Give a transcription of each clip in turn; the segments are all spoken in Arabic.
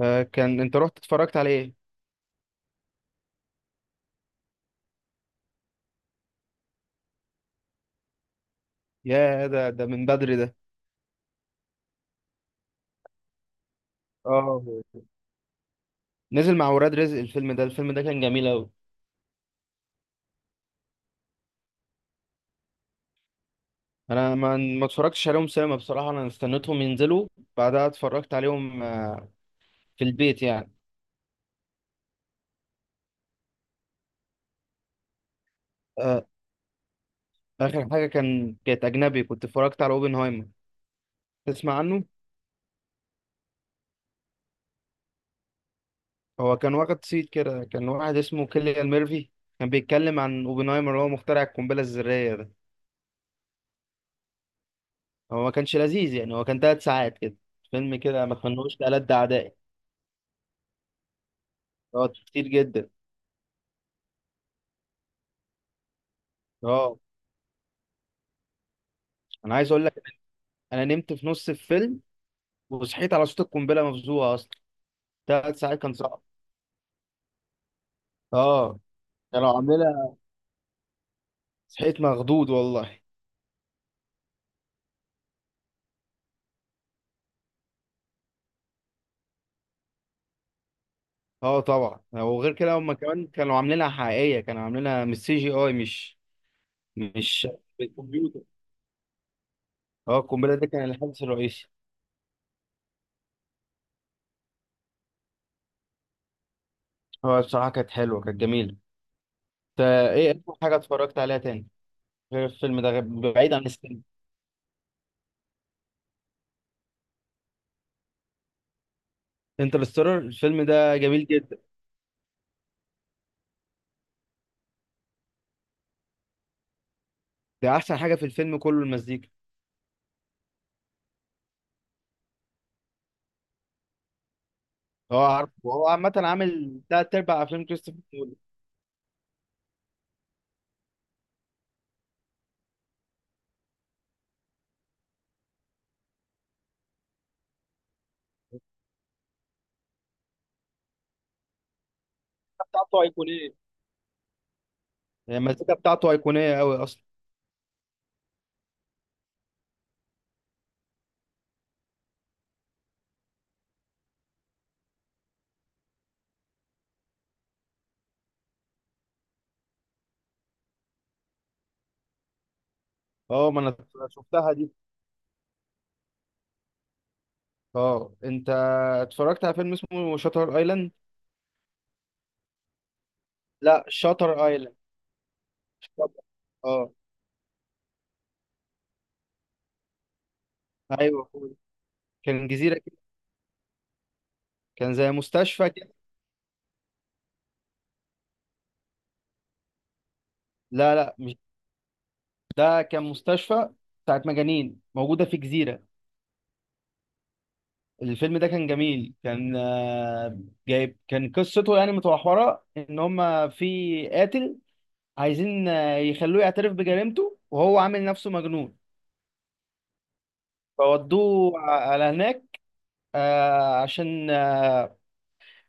آه، كان انت رحت اتفرجت على ايه؟ يا، ده من بدري ده. اه، نزل مع ولاد رزق. الفيلم ده كان جميل قوي. انا ما اتفرجتش عليهم سينما بصراحه، انا استنيتهم ينزلوا بعدها اتفرجت عليهم في البيت يعني. آه، اخر حاجه كانت اجنبي، كنت اتفرجت على اوبنهايمر. تسمع عنه؟ هو كان واخد صيت كده، كان واحد اسمه كيليان ميرفي، كان بيتكلم عن اوبنهايمر اللي هو مخترع القنبله الذريه ده. هو ما كانش لذيذ يعني، هو كان 3 ساعات كده، فيلم كده ما تمنوش لألد أعدائي. اه، كتير جدا. اه، انا عايز اقول لك، انا نمت في نص الفيلم وصحيت على صوت القنبله مفزوعه اصلا. 3 ساعات كان صعب. اه، كانوا عاملينها، صحيت مخضوض والله. اه طبعا، وغير كده هم كمان كانوا عاملينها حقيقيه، كانوا عاملينها مش CGI، مش بالكمبيوتر. اه، القنبله ده كان الحدث الرئيسي. هو بصراحه كانت حلوه كانت جميله. انت، ايه اكتر حاجه اتفرجت عليها تاني غير الفيلم ده، بعيد عن السينما؟ انترستيلر الفيلم ده جميل جدا. ده احسن حاجه في الفيلم كله، المزيكا. اه، عارفه. هو عامة عامل تلات أرباع أفلام كريستوفر نولان. المزيكا بتاعته أيقونية، يعني المزيكا بتاعته أيقونية أوي أصلا. اه، ما أنا شفتها دي. اه، أنت اتفرجت على فيلم اسمه شاتر أيلاند؟ لا، شاتر أيلاند، شاتر، اه. أيوه هو ده. كان جزيرة كده، كان زي مستشفى كده. لا لا، مش. ده كان مستشفى بتاعت مجانين موجودة في جزيرة. الفيلم ده كان جميل، كان جايب، كان قصته يعني متمحورة إن هما في قاتل عايزين يخلوه يعترف بجريمته، وهو عامل نفسه مجنون، فودوه على هناك عشان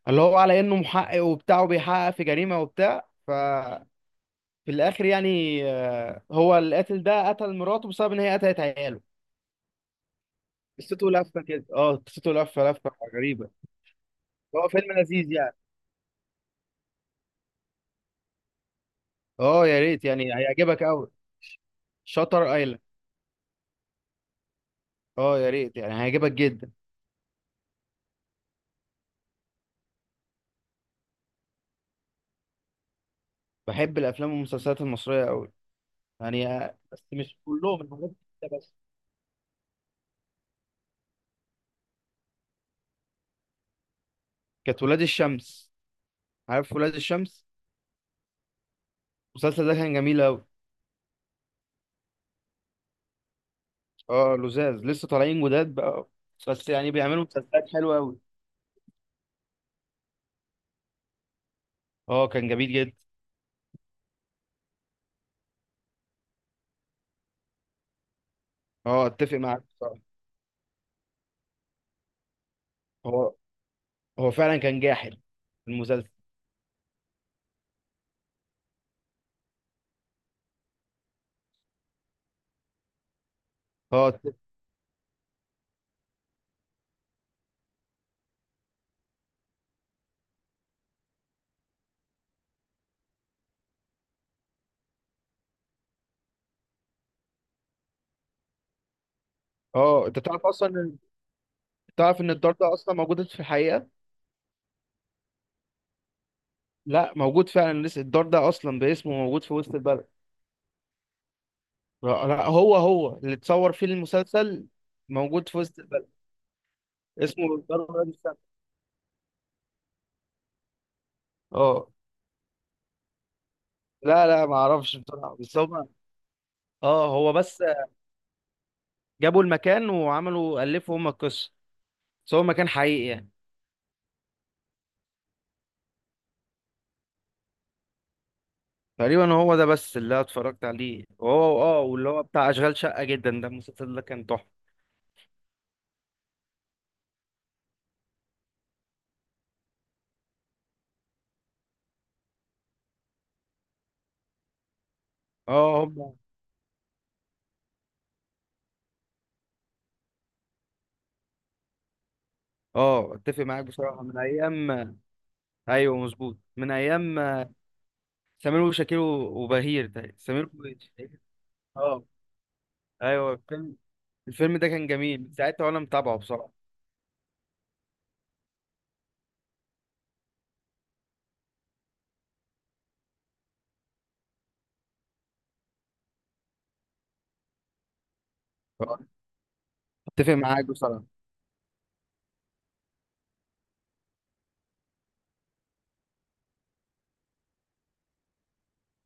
اللي هو على انه محقق وبتاع، وبيحقق في جريمة وبتاع، ففي الاخر يعني هو القاتل ده قتل مراته بسبب ان هي قتلت عياله. قصته لفة كده، اه قصته لفة لفة غريبة. هو فيلم لذيذ يعني. اه، يا ريت يعني هيعجبك قوي. شاتر ايلاند، اه يا ريت يعني هيعجبك جدا. بحب الافلام والمسلسلات المصرية قوي. يعني بس مش كلهم، الحاجات دي بس. كانت ولاد الشمس، عارف ولاد الشمس؟ المسلسل ده كان جميل أوي. اه لزاز لسه طالعين جداد بقى، بس يعني بيعملوا مسلسلات حلوة أوي. اه كان جميل جدا. اه اتفق معاك بصراحة. هو هو فعلا كان جاحد المسلسل. اه اتفق. اه انت تعرف اصلا تعرف ان الدار ده اصلا موجود في الحقيقة. لا، موجود فعلا، لسه الدار ده اصلا باسمه موجود في وسط البلد. لا لا، هو هو اللي اتصور فيه المسلسل، موجود في وسط البلد، اسمه الدار ولاد الشمس. اه، لا لا ما اعرفش بصراحه بس هم، اه هو بس جابوا المكان وعملوا الفوا هم القصه، بس هو مكان حقيقي يعني. تقريبا هو ده بس اللي أنا اتفرجت عليه، وهو واللي هو بتاع اشغال شقه جدا ده، المسلسل ده كان تحفه. اه هم. اه اتفق معاك بصراحه من ايام. ايوه مظبوط من ايام سمير وشاكير وبهير، ده سمير وشاكير. اه ايوه، الفيلم ده كان جميل، من ساعتها وانا متابعه بصراحه. آه، اتفق معاك بصراحه،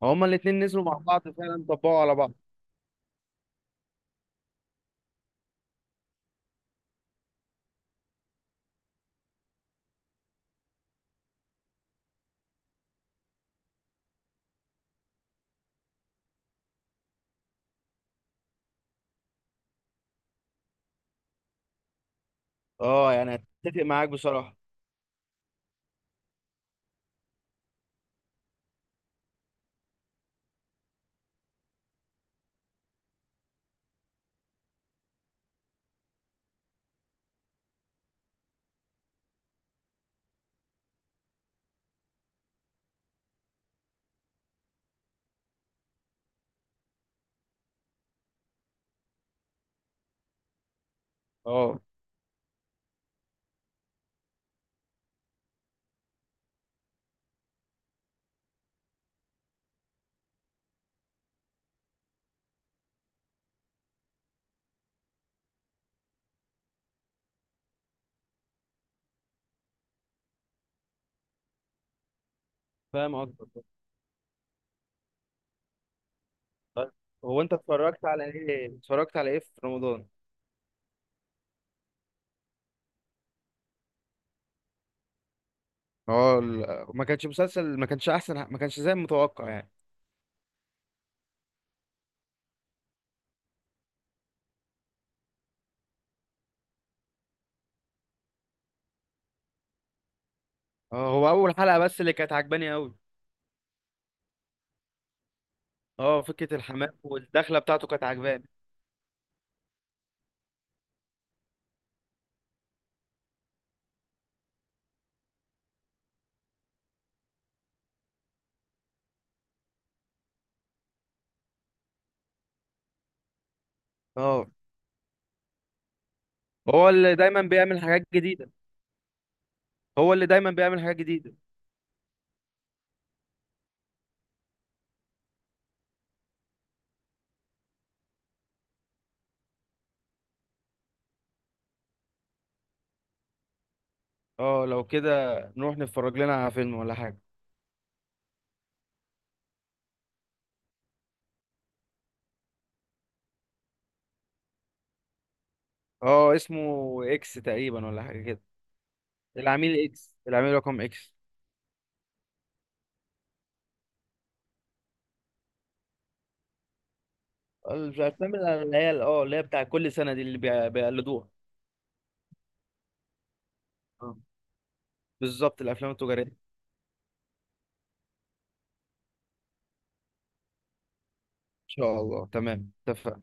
هما الاتنين نزلوا مع بعض فعلا طبقوا على بعض. اه يعني اتفق معاك بصراحة. اه فاهم اكتر. طيب، هو انت اتفرجت على ايه في رمضان؟ اه، ما كانش مسلسل، ما كانش احسن، ما كانش زي المتوقع يعني. اه، هو اول حلقة بس اللي كانت عجباني قوي. اه فكرة الحمام والدخلة بتاعته كانت عجباني. اه هو اللي دايما بيعمل حاجات جديدة. هو اللي دايما بيعمل حاجات جديدة. اه، لو كده نروح نتفرج لنا على فيلم ولا حاجة. اه اسمه اكس تقريبا، ولا حاجة كده. العميل اكس، العميل رقم اكس. الافلام اللي هي اللي هي بتاع كل سنه دي، اللي بيقلدوها. آه. بالظبط الافلام التجاريه. ان شاء الله، تمام، اتفقنا.